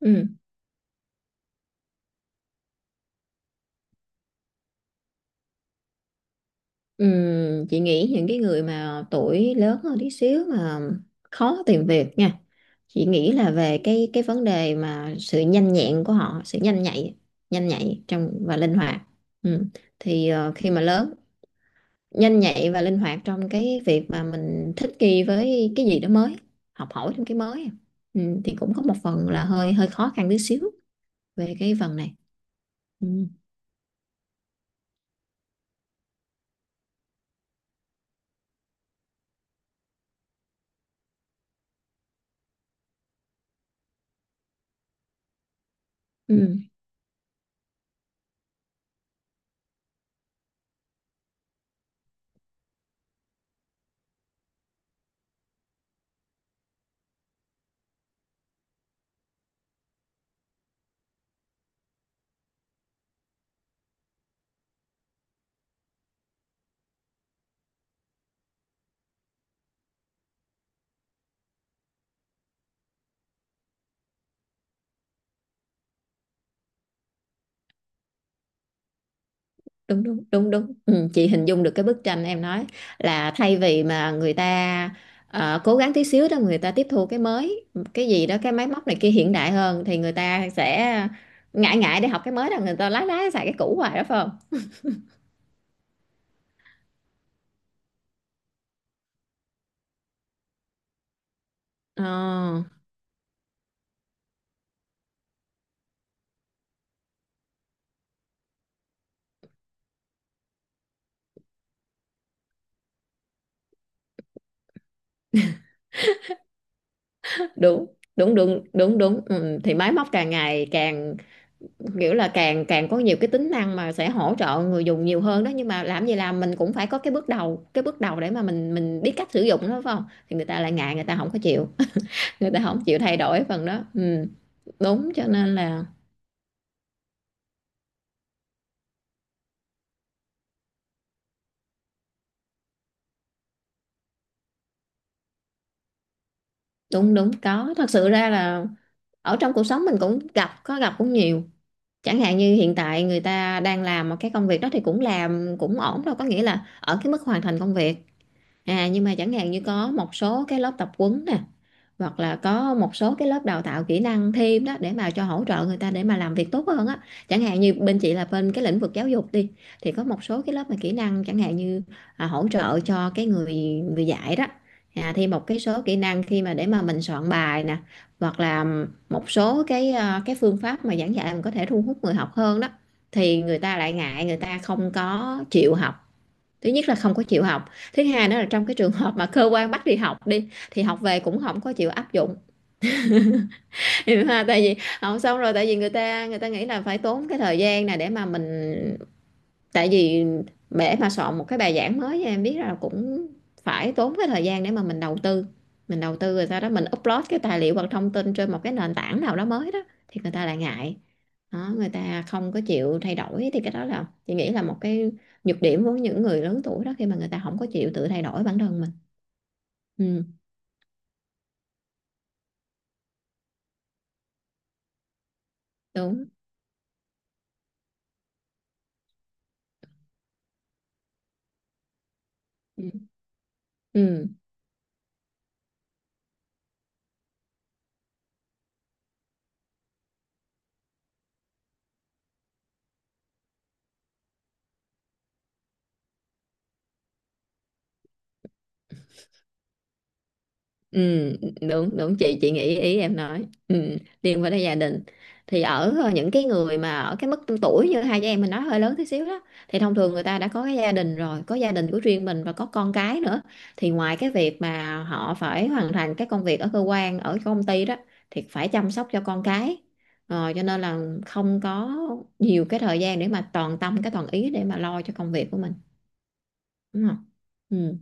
Ừ. Ừ. Chị nghĩ những cái người mà tuổi lớn hơn tí xíu mà khó tìm việc nha, chị nghĩ là về cái vấn đề mà sự nhanh nhẹn của họ, sự nhanh nhạy, nhanh nhạy trong và linh hoạt. Ừ. Thì khi mà lớn, nhanh nhạy và linh hoạt trong cái việc mà mình thích nghi với cái gì đó mới, học hỏi thêm cái mới. Ừ, thì cũng có một phần là hơi hơi khó khăn tí xíu về cái phần này. Ừ. Ừ. đúng đúng đúng đúng ừ, chị hình dung được cái bức tranh em nói, là thay vì mà người ta cố gắng tí xíu đó, người ta tiếp thu cái mới, cái gì đó, cái máy móc này kia hiện đại hơn, thì người ta sẽ ngại, ngại để học cái mới đó, người ta lái lái xài cái cũ hoài đó, phải không? Ờ, đúng đúng đúng đúng đúng ừ, thì máy móc càng ngày càng kiểu là càng càng có nhiều cái tính năng mà sẽ hỗ trợ người dùng nhiều hơn đó, nhưng mà làm gì làm mình cũng phải có cái bước đầu, cái bước đầu để mà mình biết cách sử dụng đó, phải không? Thì người ta lại ngại, người ta không có chịu, người ta không chịu thay đổi phần đó. Ừ. Đúng, cho nên là đúng đúng có, thật sự ra là ở trong cuộc sống mình cũng gặp, có gặp cũng nhiều. Chẳng hạn như hiện tại người ta đang làm một cái công việc đó thì cũng làm cũng ổn, đâu có nghĩa là ở cái mức hoàn thành công việc. À, nhưng mà chẳng hạn như có một số cái lớp tập huấn nè, hoặc là có một số cái lớp đào tạo kỹ năng thêm đó để mà cho hỗ trợ người ta để mà làm việc tốt hơn á. Chẳng hạn như bên chị là bên cái lĩnh vực giáo dục đi, thì có một số cái lớp mà kỹ năng, chẳng hạn như hỗ trợ cho cái người người dạy đó, thêm một cái số kỹ năng khi mà để mà mình soạn bài nè, hoặc là một số cái cái phương pháp mà giảng dạy mình có thể thu hút người học hơn đó. Thì người ta lại ngại, người ta không có chịu học. Thứ nhất là không có chịu học. Thứ hai nữa là trong cái trường hợp mà cơ quan bắt đi học, đi thì học về cũng không có chịu áp dụng. Tại vì học xong rồi, tại vì người ta nghĩ là phải tốn cái thời gian này để mà mình, tại vì để mà soạn một cái bài giảng mới, em biết là cũng phải tốn cái thời gian để mà mình đầu tư. Mình đầu tư rồi sau đó mình upload cái tài liệu hoặc thông tin trên một cái nền tảng nào đó mới đó, thì người ta lại ngại. Đó, người ta không có chịu thay đổi, thì cái đó là chị nghĩ là một cái nhược điểm của những người lớn tuổi đó, khi mà người ta không có chịu tự thay đổi bản thân mình. Ừ, đúng. Ừ. Ừ. Ừ, đúng đúng chị nghĩ ý em nói, ừ, liên quan tới gia đình, thì ở những cái người mà ở cái mức tuổi như hai chị em mình nói hơi lớn tí xíu đó, thì thông thường người ta đã có cái gia đình rồi, có gia đình của riêng mình và có con cái nữa. Thì ngoài cái việc mà họ phải hoàn thành cái công việc ở cơ quan, ở công ty đó, thì phải chăm sóc cho con cái. Ờ, cho nên là không có nhiều cái thời gian để mà toàn tâm cái toàn ý để mà lo cho công việc của mình, đúng không? Ừ.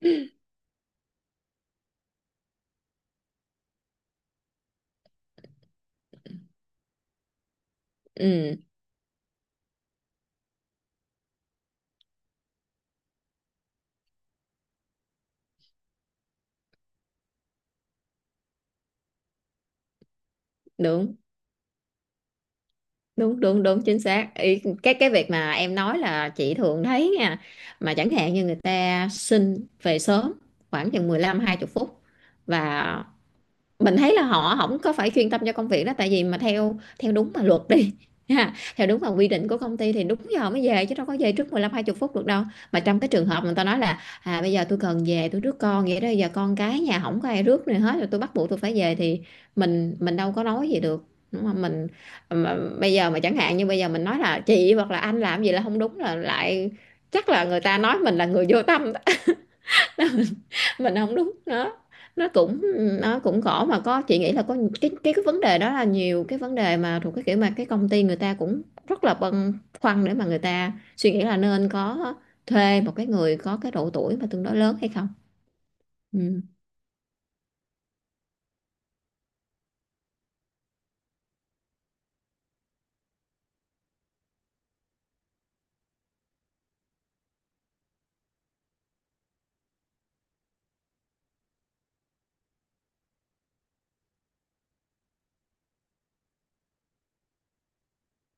Ừ, đúng đúng đúng đúng chính xác. Ý, cái việc mà em nói là chị thường thấy nha, mà chẳng hạn như người ta xin về sớm khoảng chừng mười lăm, hai 20 phút, và mình thấy là họ không có phải chuyên tâm cho công việc đó. Tại vì mà theo theo đúng mà luật đi, ha, theo đúng mà quy định của công ty thì đúng giờ mới về chứ đâu có về trước mười lăm, hai 20 phút được đâu. Mà trong cái trường hợp người ta nói là à bây giờ tôi cần về, tôi rước con, vậy đó giờ con cái nhà không có ai rước này hết rồi, tôi bắt buộc tôi phải về, thì mình đâu có nói gì được, đúng không? Mình mà, bây giờ mà chẳng hạn như bây giờ mình nói là chị hoặc là anh làm gì là không đúng là lại, chắc là người ta nói mình là người vô tâm. Mình không đúng. Nó cũng, nó cũng khổ, mà có, chị nghĩ là có cái vấn đề đó, là nhiều cái vấn đề mà thuộc cái kiểu mà cái công ty người ta cũng rất là băn khoăn để mà người ta suy nghĩ là nên có thuê một cái người có cái độ tuổi mà tương đối lớn hay không. Ừ.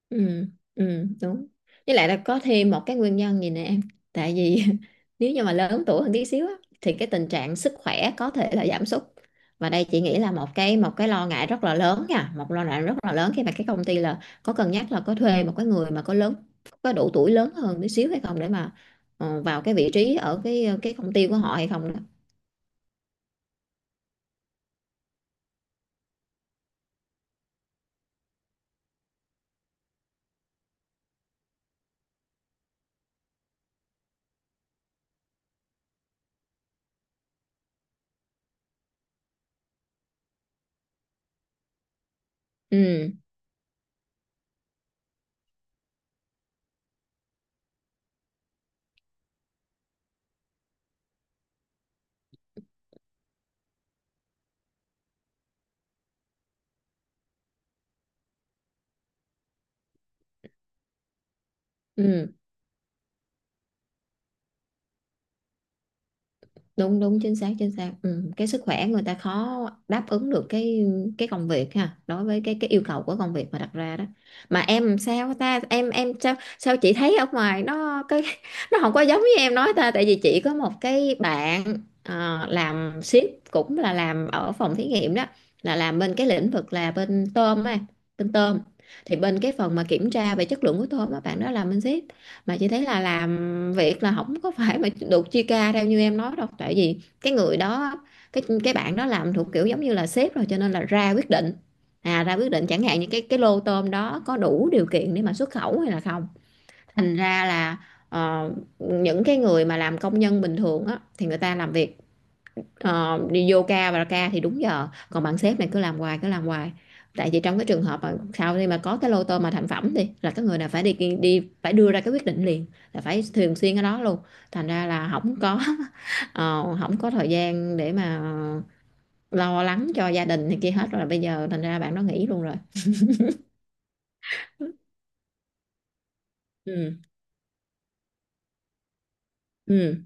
Ừ. Ừ. Đúng. Với lại là có thêm một cái nguyên nhân gì nè em, tại vì nếu như mà lớn tuổi hơn tí xíu á, thì cái tình trạng sức khỏe có thể là giảm sút. Và đây chị nghĩ là một cái lo ngại rất là lớn nha, một lo ngại rất là lớn khi mà cái công ty là có cân nhắc là có thuê một cái người mà có lớn, có độ tuổi lớn hơn tí xíu hay không, để mà vào cái vị trí ở cái công ty của họ hay không đó. Ừ. Ừ. đúng đúng chính xác, chính xác. Ừ. Cái sức khỏe người ta khó đáp ứng được cái công việc ha, đối với cái yêu cầu của công việc mà đặt ra đó. Mà em sao ta, em sao sao, chị thấy ở ngoài nó cái nó không có giống với em nói ta. Tại vì chị có một cái bạn, làm ship cũng là làm ở phòng thí nghiệm đó, là làm bên cái lĩnh vực là bên tôm á, bên tôm. Thì bên cái phần mà kiểm tra về chất lượng của tôm á, bạn đó làm bên ship. Mà chị thấy là làm việc là không có phải mà được chia ca theo như em nói đâu, tại vì cái người đó, cái bạn đó làm thuộc kiểu giống như là sếp rồi cho nên là ra quyết định, à ra quyết định chẳng hạn như cái lô tôm đó có đủ điều kiện để mà xuất khẩu hay là không. Thành ra là ờ, những cái người mà làm công nhân bình thường á thì người ta làm việc, Ờ, đi vô ca và ra ca thì đúng giờ, còn bạn sếp này cứ làm hoài, tại vì trong cái trường hợp mà sau khi mà có cái lô tô mà thành phẩm thì là cái người này phải đi, đi phải đưa ra cái quyết định liền, là phải thường xuyên ở đó luôn. Thành ra là không có không có thời gian để mà lo lắng cho gia đình này kia hết rồi, bây giờ thành ra bạn nó nghỉ luôn rồi. Ừ. Ừ.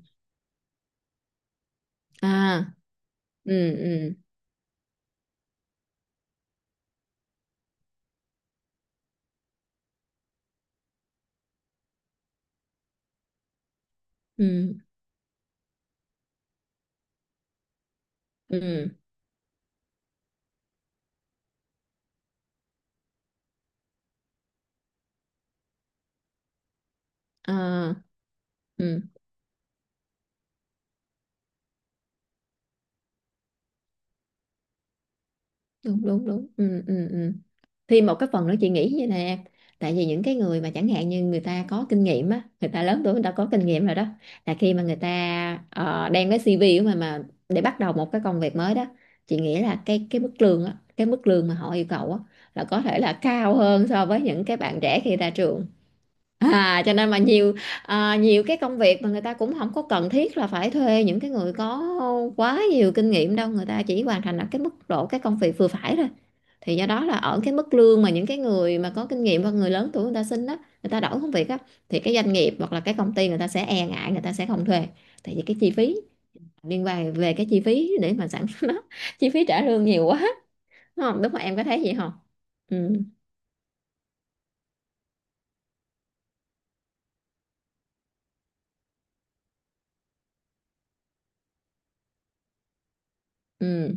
À. Ừ. Ừ. Ừ. Ừ. À. Ừ. đúng đúng đúng ừ. Ừ. Ừ. Thì một cái phần nữa chị nghĩ vậy nè em, tại vì những cái người mà chẳng hạn như người ta có kinh nghiệm á, người ta lớn tuổi, người ta có kinh nghiệm rồi đó, là khi mà người ta đem cái CV của mình mà để bắt đầu một cái công việc mới đó, chị nghĩ là cái mức lương á, cái mức lương mà họ yêu cầu á, là có thể là cao hơn so với những cái bạn trẻ khi ra trường. À cho nên mà nhiều nhiều cái công việc mà người ta cũng không có cần thiết là phải thuê những cái người có quá nhiều kinh nghiệm đâu, người ta chỉ hoàn thành ở cái mức độ cái công việc vừa phải thôi. Thì do đó là ở cái mức lương mà những cái người mà có kinh nghiệm và người lớn tuổi người ta xin đó, người ta đổi công việc á, thì cái doanh nghiệp hoặc là cái công ty người ta sẽ e ngại, người ta sẽ không thuê. Tại vì cái chi phí, liên quan về cái chi phí để mà sản xuất nó, chi phí trả lương nhiều quá. Đúng không? Đúng không? Em có thấy gì không? Ừ. Ừ.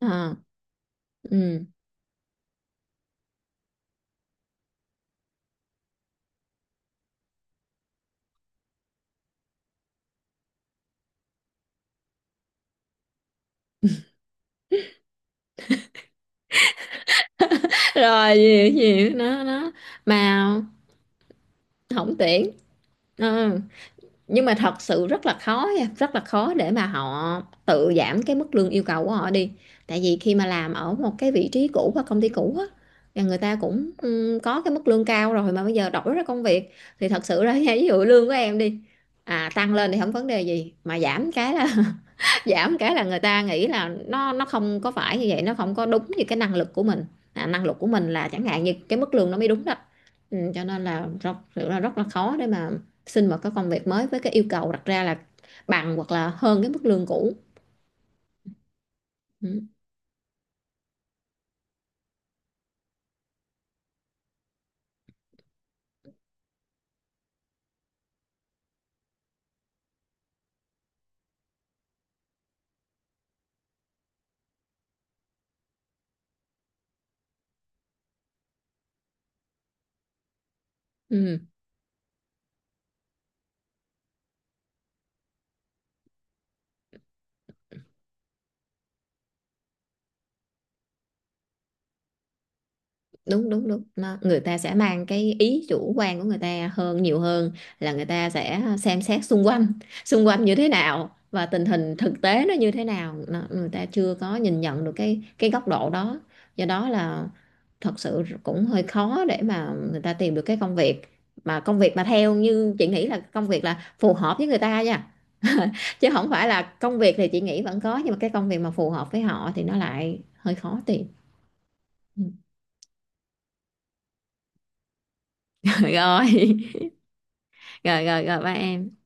À, ừ. Rồi gì gì nó mà, không tuyển. Ờ, nhưng mà thật sự rất là khó nha, rất là khó để mà họ tự giảm cái mức lương yêu cầu của họ đi. Tại vì khi mà làm ở một cái vị trí cũ hoặc công ty cũ á, là người ta cũng ừ, có cái mức lương cao rồi, mà bây giờ đổi ra công việc thì thật sự ra nha, ví dụ lương của em đi, à tăng lên thì không vấn đề gì, mà giảm cái là giảm cái là người ta nghĩ là nó không có phải như vậy, nó không có đúng như cái năng lực của mình. À, năng lực của mình là chẳng hạn như cái mức lương nó mới đúng đó. Ừ, cho nên là rất là khó để mà xin một cái công việc mới với cái yêu cầu đặt ra là bằng hoặc là hơn cái mức lương cũ. Ừ. Ừ. đúng đúng đúng nó, người ta sẽ mang cái ý chủ quan của người ta hơn, nhiều hơn là người ta sẽ xem xét xung quanh, xung quanh như thế nào và tình hình thực tế nó như thế nào. Nó, người ta chưa có nhìn nhận được cái góc độ đó. Do đó là thật sự cũng hơi khó để mà người ta tìm được cái công việc, mà công việc mà theo như chị nghĩ là công việc là phù hợp với người ta nha. Chứ không phải là công việc thì chị nghĩ vẫn có, nhưng mà cái công việc mà phù hợp với họ thì nó lại hơi khó tìm. Rồi, rồi ba em.